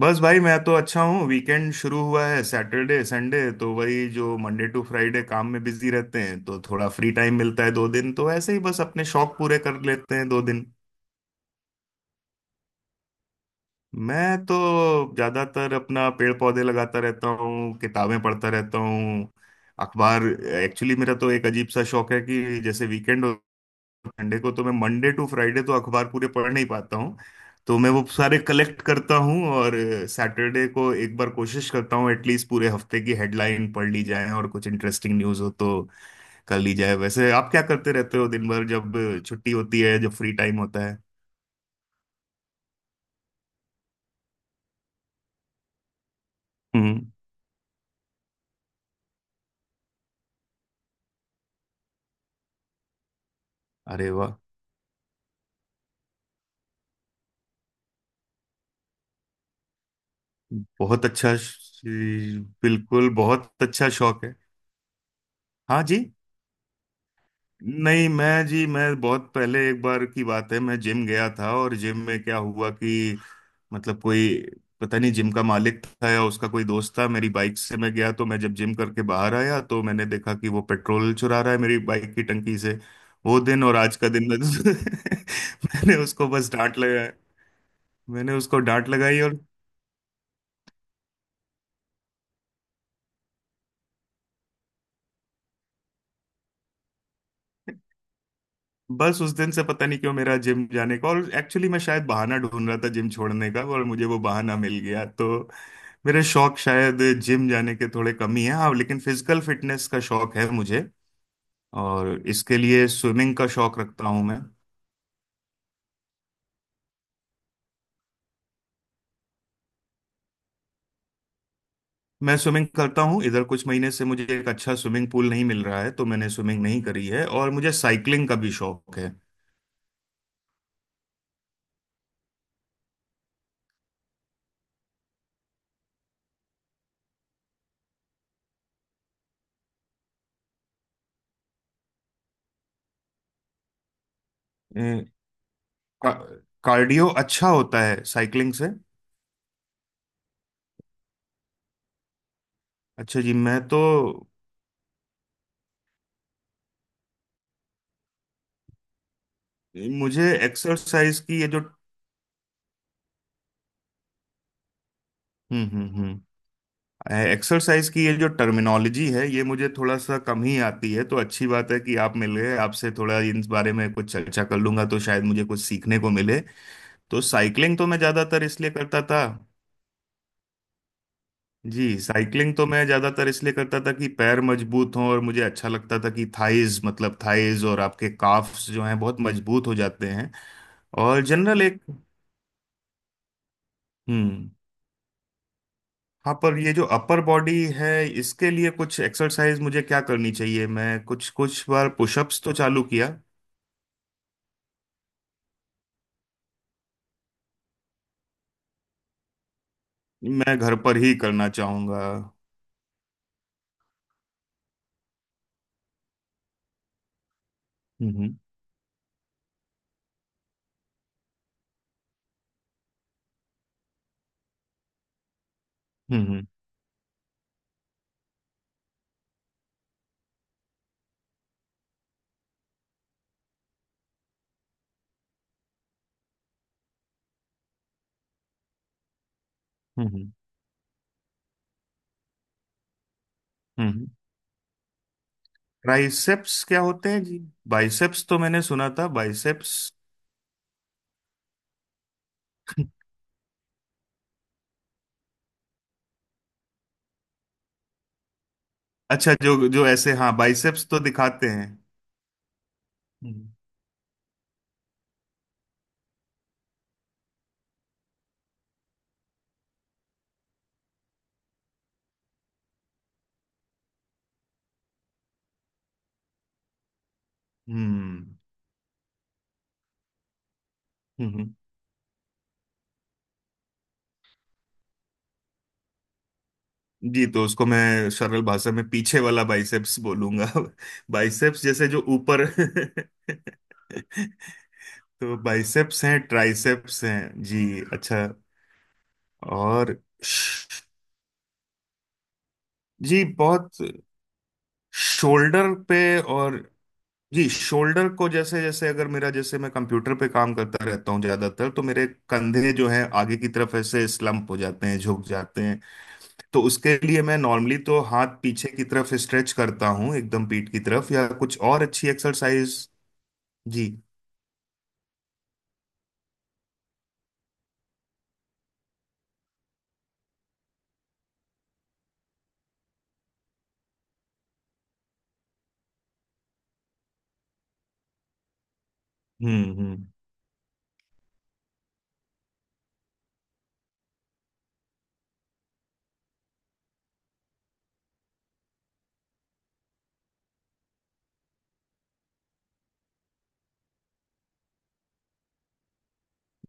बस भाई, मैं तो अच्छा हूँ। वीकेंड शुरू हुआ है, सैटरडे संडे तो वही, जो मंडे टू फ्राइडे काम में बिजी रहते हैं तो थोड़ा फ्री टाइम मिलता है दो दिन, तो ऐसे ही बस अपने शौक पूरे कर लेते हैं दो दिन। मैं तो ज्यादातर अपना पेड़ पौधे लगाता रहता हूँ, किताबें पढ़ता रहता हूँ, अखबार। एक्चुअली मेरा तो एक अजीब सा शौक है कि जैसे वीकेंड, संडे को, तो मैं मंडे टू फ्राइडे तो अखबार पूरे पढ़ नहीं पाता हूँ, तो मैं वो सारे कलेक्ट करता हूँ और सैटरडे को एक बार कोशिश करता हूँ एटलीस्ट पूरे हफ्ते की हेडलाइन पढ़ ली जाए, और कुछ इंटरेस्टिंग न्यूज़ हो तो कर ली जाए। वैसे आप क्या करते रहते हो दिन भर, जब छुट्टी होती है, जब फ्री टाइम होता है? हम्म। अरे वाह! बहुत अच्छा श- बिल्कुल बहुत अच्छा शौक है। हाँ जी। नहीं, मैं जी, मैं बहुत पहले एक बार की बात है, मैं जिम गया था, और जिम में क्या हुआ कि मतलब कोई, पता नहीं जिम का मालिक था या उसका कोई दोस्त था, मेरी बाइक से मैं गया, तो मैं जब जिम करके बाहर आया तो मैंने देखा कि वो पेट्रोल चुरा रहा है मेरी बाइक की टंकी से। वो दिन और आज का दिन, मैं मैंने उसको बस डांट लगाया। मैंने उसको डांट लगाई, और बस उस दिन से पता नहीं क्यों मेरा जिम जाने का, और एक्चुअली मैं शायद बहाना ढूंढ रहा था जिम छोड़ने का, और मुझे वो बहाना मिल गया। तो मेरे शौक शायद जिम जाने के थोड़े कम ही हैं, हाँ, लेकिन फिजिकल फिटनेस का शौक है मुझे, और इसके लिए स्विमिंग का शौक रखता हूँ मैं। मैं स्विमिंग करता हूँ, इधर कुछ महीने से मुझे एक अच्छा स्विमिंग पूल नहीं मिल रहा है तो मैंने स्विमिंग नहीं करी है, और मुझे साइकिलिंग का भी शौक है। ए, का, कार्डियो अच्छा होता है साइकिलिंग से। अच्छे जिम में तो मुझे हम्म हम्म हम्म एक्सरसाइज की ये जो टर्मिनोलॉजी है, ये मुझे थोड़ा सा कम ही आती है, तो अच्छी बात है कि आप मिल गए, आपसे थोड़ा इन बारे में कुछ चर्चा कर लूंगा तो शायद मुझे कुछ सीखने को मिले। तो साइकिलिंग तो मैं ज्यादातर इसलिए करता था। जी, साइकिलिंग तो मैं ज्यादातर इसलिए करता था कि पैर मजबूत हों, और मुझे अच्छा लगता था कि थाइज, मतलब थाइज और आपके काफ्स जो हैं बहुत मजबूत हो जाते हैं, और जनरल एक। हम्म। हाँ, पर ये जो अपर बॉडी है, इसके लिए कुछ एक्सरसाइज मुझे क्या करनी चाहिए? मैं कुछ कुछ बार पुशअप्स तो चालू किया। मैं घर पर ही करना चाहूंगा। हम्म हम्म हम्म। हम्म। ट्राइसेप्स क्या होते हैं जी? बाइसेप्स तो मैंने सुना था, बाइसेप्स। अच्छा, जो जो ऐसे, हाँ, बाइसेप्स तो दिखाते हैं। हम्म हम्म हम्म। जी, तो उसको मैं सरल भाषा में पीछे वाला बाइसेप्स बोलूंगा बाइसेप्स जैसे जो ऊपर तो बाइसेप्स हैं, ट्राइसेप्स हैं जी। अच्छा। और श- जी बहुत, शोल्डर पे, और जी, शोल्डर को, जैसे जैसे अगर मेरा, जैसे मैं कंप्यूटर पे काम करता रहता हूँ ज्यादातर, तो मेरे कंधे जो हैं आगे की तरफ ऐसे स्लम्प हो जाते हैं, झुक जाते हैं, तो उसके लिए मैं नॉर्मली तो हाथ पीछे की तरफ स्ट्रेच करता हूँ, एकदम पीठ की तरफ, या कुछ और अच्छी एक्सरसाइज? जी। हम्म हम्म।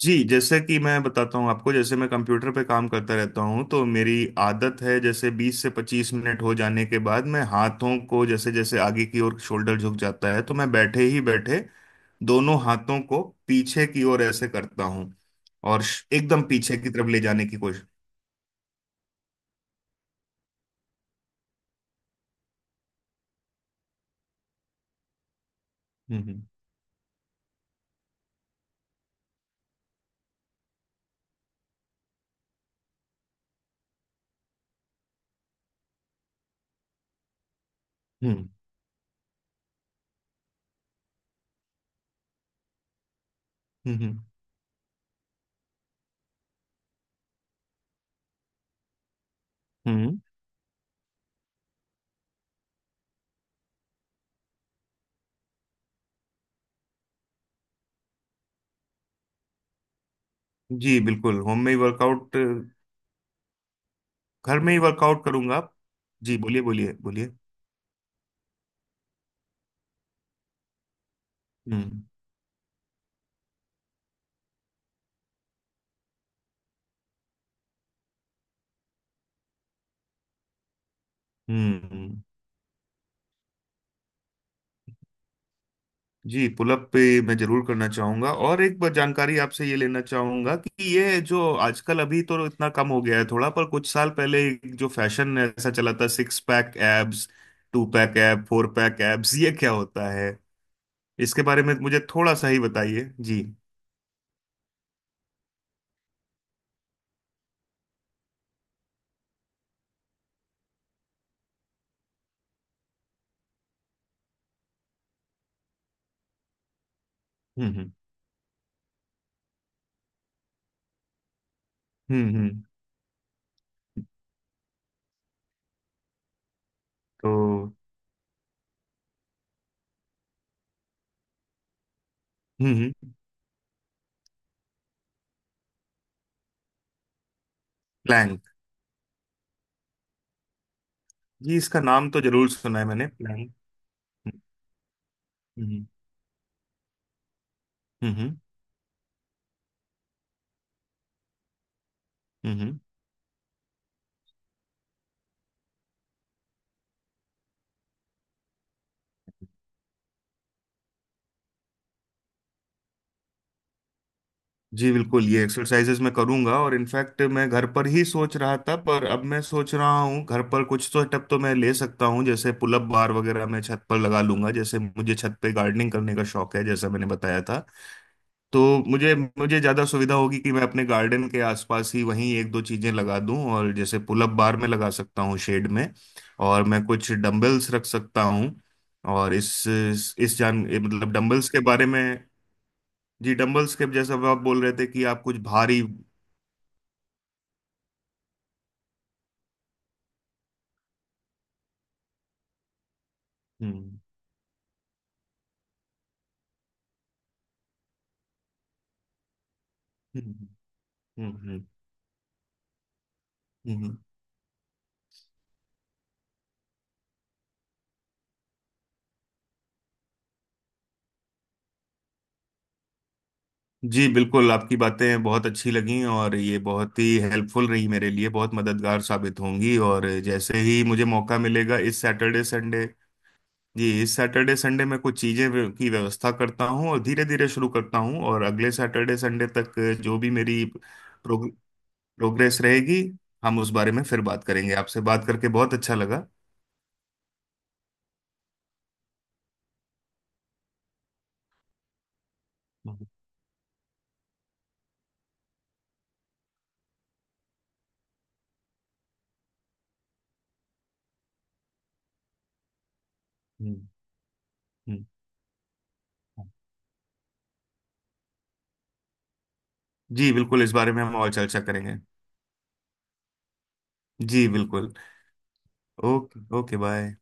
जी, जैसे कि मैं बताता हूँ आपको, जैसे मैं कंप्यूटर पे काम करता रहता हूँ तो मेरी आदत है जैसे 20 से 25 मिनट हो जाने के बाद मैं हाथों को, जैसे जैसे आगे की ओर शोल्डर झुक जाता है, तो मैं बैठे ही बैठे दोनों हाथों को पीछे की ओर ऐसे करता हूँ, और एकदम पीछे की तरफ ले जाने की कोशिश। हम्म हम्म हम्म हम्म हम्म। जी बिल्कुल, होम में ही वर्कआउट, घर में ही वर्कआउट करूंगा। जी, बोलिए बोलिए बोलिए। हम्म हम्म। जी, पुलअप पे मैं जरूर करना चाहूंगा, और एक बार जानकारी आपसे ये लेना चाहूंगा कि ये जो आजकल अभी तो इतना कम हो गया है थोड़ा, पर कुछ साल पहले एक जो फैशन ऐसा चला था, six pack abs, two pack ab, four pack abs, ये क्या होता है? इसके बारे में मुझे थोड़ा सा ही बताइए जी। हम्म हम्म हम्म। तो हम्म। प्लैंक? जी, इसका नाम तो जरूर सुना है मैंने, प्लैंक। हम्म हम्म हम्म हम्म हम्म। जी बिल्कुल, ये एक्सरसाइजेज मैं करूंगा, और इनफैक्ट मैं घर पर ही सोच रहा था, पर अब मैं सोच रहा हूँ घर पर कुछ तो स्टेप तो मैं ले सकता हूँ, जैसे पुलअप बार वगैरह मैं छत पर लगा लूंगा, जैसे मुझे छत पे गार्डनिंग करने का शौक है, जैसा मैंने बताया था। तो मुझे मुझे ज़्यादा सुविधा होगी कि मैं अपने गार्डन के आसपास ही वहीं एक दो चीज़ें लगा दूं, और जैसे पुलअप बार में लगा सकता हूँ शेड में, और मैं कुछ डम्बल्स रख सकता हूँ, और इस जान मतलब डंबल्स के बारे में, जी, डंबल स्क्वाट जैसा अब आप बोल रहे थे कि आप कुछ भारी। हम्म हम्म हम्म हम्म, हम्म। जी बिल्कुल, आपकी बातें बहुत अच्छी लगीं, और ये बहुत ही हेल्पफुल रही मेरे लिए, बहुत मददगार साबित होंगी, और जैसे ही मुझे मौका मिलेगा इस सैटरडे संडे, जी, इस सैटरडे संडे मैं कुछ चीज़ें की व्यवस्था करता हूँ और धीरे धीरे शुरू करता हूँ, और अगले सैटरडे संडे तक जो भी मेरी प्रोग्रेस रहेगी, हम उस बारे में फिर बात करेंगे। आपसे बात करके बहुत अच्छा लगा। हम्म हम्म। हम्म। जी बिल्कुल, इस बारे में हम और चर्चा करेंगे। जी बिल्कुल। Okay, okay bye.